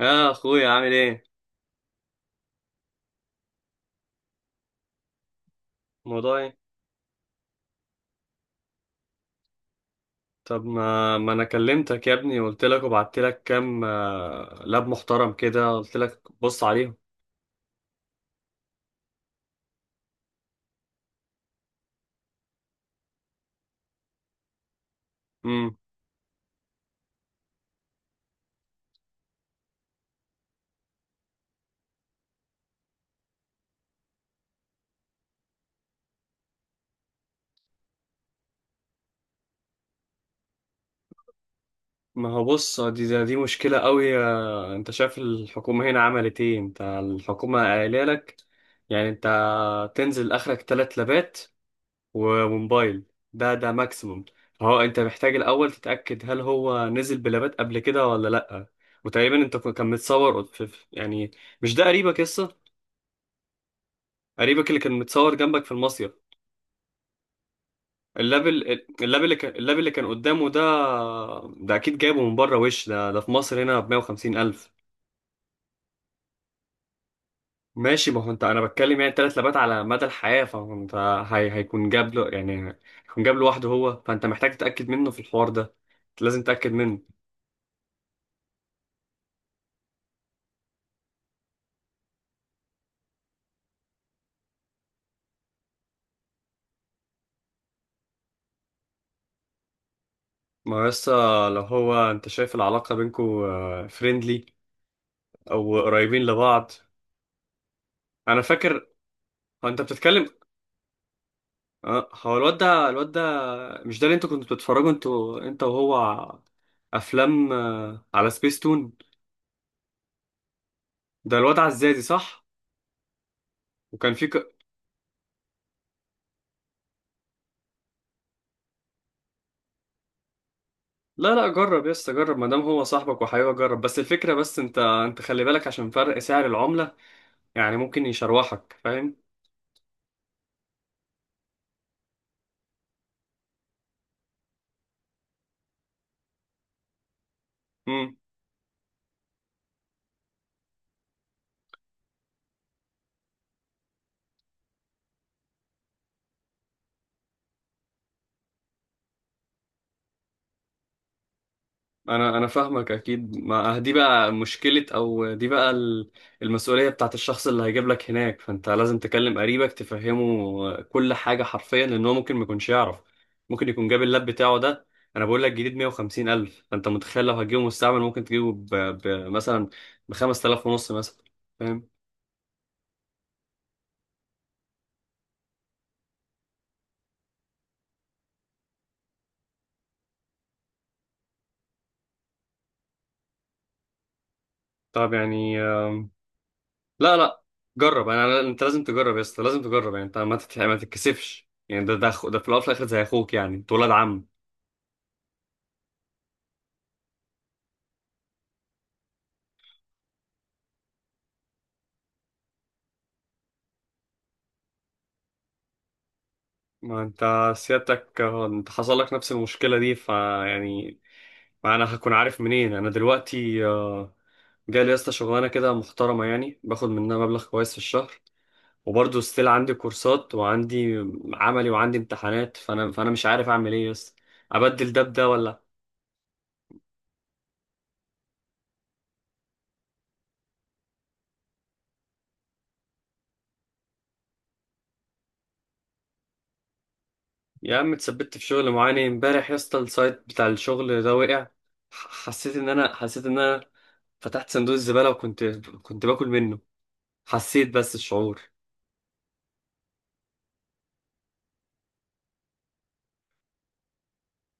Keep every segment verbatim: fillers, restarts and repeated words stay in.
يا اخويا عامل ايه. الموضوع ايه؟ طب ما ما انا كلمتك يا ابني وقلت لك وبعت لك كام، آه، لاب محترم كده، قلت لك بص عليهم. امم ما هو بص، دي دي دي مشكلة قوي. آه، انت شايف الحكومة هنا عملت ايه؟ انت الحكومة قايله لك يعني انت تنزل اخرك تلات لابات و- وموبايل، ده ده ماكسيموم. هو انت محتاج الاول تتأكد هل هو نزل بلابات قبل كده ولا لا، وتقريبا انت كان متصور في في- يعني، مش ده قريبك قصة؟ قريبك اللي كان متصور جنبك في المصيف، اللاب ال- اللاب اللي كان اللاب اللي كان قدامه ده، ده اكيد جايبه من بره. وش ده ده في مصر هنا ب مية وخمسين ألف الف. ماشي، ما هو انت انا بتكلم يعني تلات لابات على مدى الحياه، فانت هي هيكون جاب له، يعني هيكون جاب لوحده هو، فانت محتاج تتاكد منه في الحوار ده، لازم تتاكد منه. ما هو لسه، لو هو انت شايف العلاقه بينكو فريندلي او قريبين لبعض، انا فاكر، هو انت بتتكلم، اه، هو الواد ده، الواد ده مش ده اللي انتوا كنتوا بتتفرجوا انتوا انت وهو ع- افلام آه، على سبيس تون؟ ده الواد عزازي صح؟ وكان في ك... لا لا جرب يا اسطى، جرب، ما دام هو صاحبك وحبيبك جرب، بس الفكره، بس انت انت خلي بالك عشان فرق سعر العمله، يعني ممكن يشروحك، فاهم؟ امم انا انا فاهمك اكيد، ما أه، دي بقى مشكلة، او دي بقى ال- المسؤولية بتاعت الشخص اللي هيجيب لك هناك، فانت لازم تكلم قريبك تفهمه كل حاجة حرفيا، لان هو ممكن ما يكونش يعرف، ممكن يكون جاب اللاب بتاعه ده، انا بقول لك جديد مائة وخمسين ألف الف، فانت متخيل لو هتجيبه مستعمل ممكن تجيبه ب... ب... مثلا ب خمسة آلاف ونص مثلا، فاهم؟ طب يعني، آم، لا لا جرب، انا أنا- انت لازم تجرب يا اسطى، لازم تجرب، يعني انت ما تت... ما تتكسفش، يعني ده ده أخو- ده في الاول وفي الاخر زي اخوك، يعني انت ولاد عم. ما انت سيادتك، اه، انت حصل لك نفس المشكلة دي، فيعني ما انا هكون عارف منين انا دلوقتي؟ اه، جالي يا اسطى شغلانة كده محترمة، يعني باخد منها مبلغ كويس في الشهر، وبرضه ستيل عندي كورسات، وعندي عملي، وعندي امتحانات، فانا فانا مش عارف اعمل ايه يا اسطى، ابدل ده بده ولا؟ يا عم اتثبت في شغل معاني، امبارح يا اسطى السايت بتاع الشغل ده وقع، ح- حسيت ان انا حسيت ان انا فتحت صندوق الزبالة، وكنت كنت باكل منه، حسيت بس الشعور.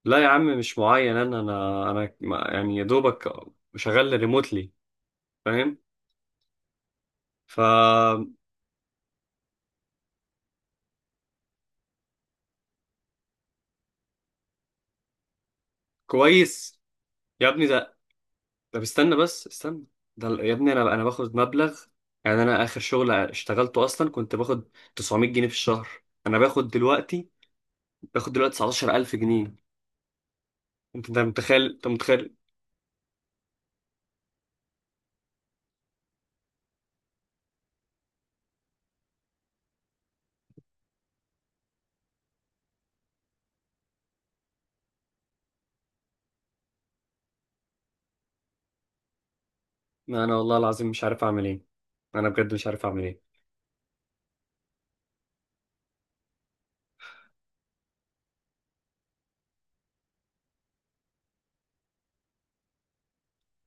لا يا عم مش معين، انا انا انا ما- يعني يا دوبك شغال ريموتلي، فاهم؟ فكويس يا ابني ده، طب استنى بس استنى، ده ال- يا ابني انا انا باخد مبلغ، يعني انا اخر شغل اشتغلته اصلا كنت باخد تسعمائة جنيه في الشهر، انا باخد دلوقتي، باخد دلوقتي تسعة عشر ألف جنيه. انت انت متخيل؟ انت متخيل؟ ما انا والله العظيم مش عارف اعمل ايه، انا بجد مش عارف اعمل ايه.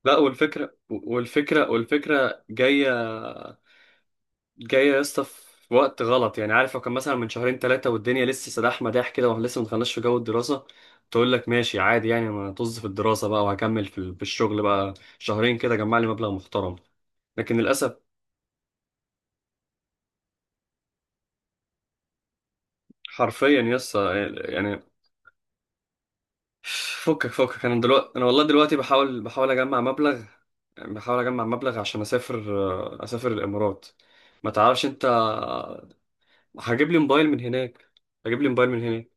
لا، والفكره والفكره والفكره جايه، جاية يا اسطى في وقت غلط، يعني عارف لو كان مثلا من شهرين ثلاثة والدنيا لسه سداح مداح كده، واحنا لسه ما دخلناش في جو الدراسة، تقول لك ماشي عادي، يعني انا طز في الدراسة بقى، وهكمل في ال- في الشغل بقى شهرين كده، جمع لي مبلغ محترم. لكن للأسف حرفيا يا اسطى، يعني فكك فكك انا دلوقتي، انا والله دلوقتي بحاول بحاول اجمع مبلغ، بحاول اجمع مبلغ عشان اسافر، اسافر الامارات، ما تعرفش انت، هجيب لي موبايل من هناك، هجيب لي موبايل من هناك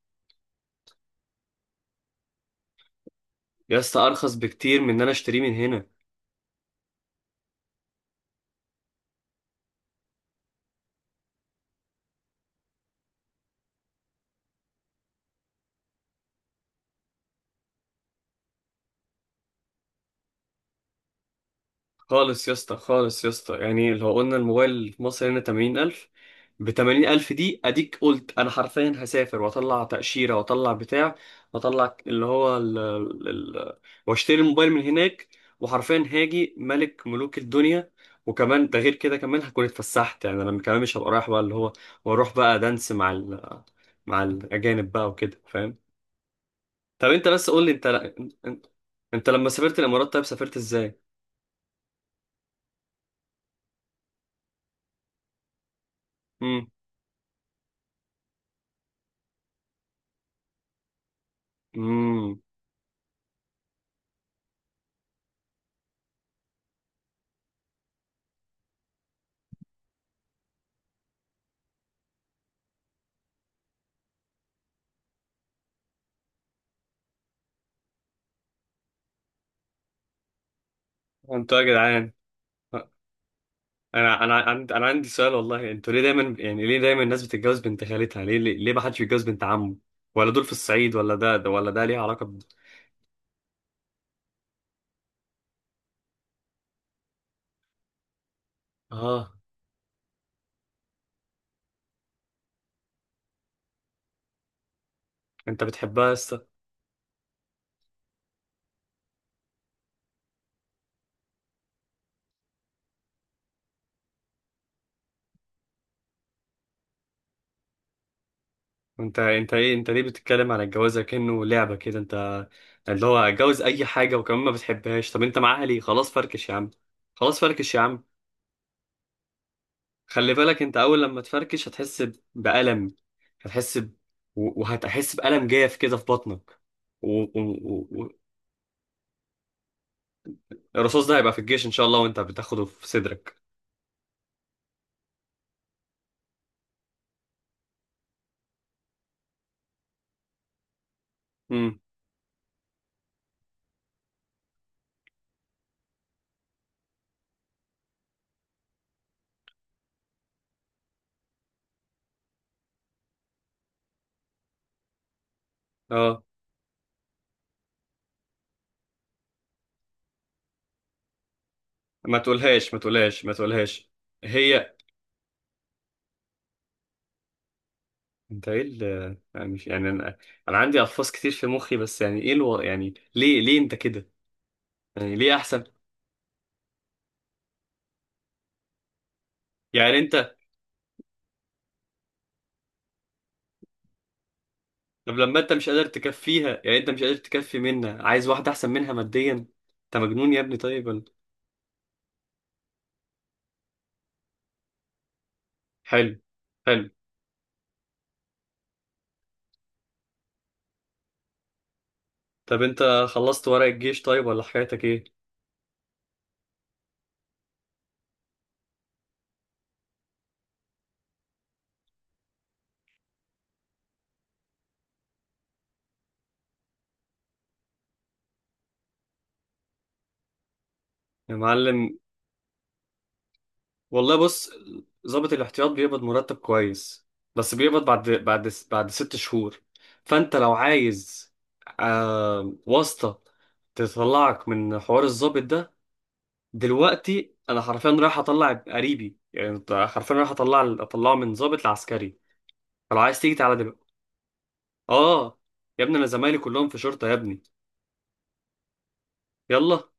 يا اسطى، ارخص بكتير من ان انا اشتريه من هنا. خالص يا اسطى، خالص يا اسطى، يعني لو قلنا الموبايل في مصر هنا تمانين ألف، ب تمانين ألف دي أديك، قلت أنا حرفيا هسافر وأطلع تأشيرة، وأطلع بتاع، وأطلع اللي هو ال ال ال وأشتري الموبايل من هناك، وحرفيا هاجي ملك ملوك الدنيا، وكمان ده غير كده كمان هكون اتفسحت، يعني أنا كمان مش هبقى رايح بقى اللي هو، وأروح بقى دانس مع ال مع الأجانب بقى وكده، فاهم؟ طب أنت بس قول لي، أنت أنت أنت لما سافرت الإمارات طيب سافرت إزاي؟ امم انتوا يا جدعان، انا انا عندي انا عندي سؤال والله، انتوا ليه دايما، يعني ليه دايما الناس بتتجوز بنت خالتها؟ ليه، ليه، ليه ما حدش بيتجوز بنت عمه؟ ولا دول في الصعيد، ولا ده، ده ولا ده ليه علاقة ب... اه، انت بتحبها يا اسطى؟ انت انت ايه، انت ليه بتتكلم على الجواز كأنه لعبة كده؟ انت اللي هو اتجوز اي حاجة وكمان ما بتحبهاش، طب انت معاها ليه؟ خلاص فركش يا عم، خلاص فركش يا عم. خلي بالك، انت اول لما تفركش هتحس ب- بألم، هتحس ب... و- وهتحس بألم جاف كده في بطنك. الرصاص ده هيبقى في الجيش ان شاء الله، وانت بتاخده في صدرك. امم اه ما تقولهاش، ما تقولهاش، ما تقولهاش. هي انت ايه ال... يعني مش يعني، انا انا عندي الفاظ كتير في مخي، بس يعني ايه الو... يعني ليه، ليه انت كده؟ يعني ليه احسن؟ يعني انت، طب لما انت مش قادر تكفيها، يعني انت مش قادر تكفي منها، عايز واحده احسن منها ماديا؟ انت مجنون يا ابني، طيب ولا- حلو، حلو. طب انت خلصت ورق الجيش طيب ولا حكايتك ايه؟ يا معلم والله بص، ضابط الاحتياط بيقبض مرتب كويس، بس بيقبض بعد بعد بعد ست شهور، فانت لو عايز آه واسطة تطلعك من حوار الضابط ده، دلوقتي انا حرفيا رايح اطلع قريبي، يعني أنت حرفيا رايح اطلع اطلعه من ضابط لعسكري، فلو عايز تيجي تعالى دلوقتي. اه يا ابني، انا زمايلي كلهم في شرطة يا ابني، يلا.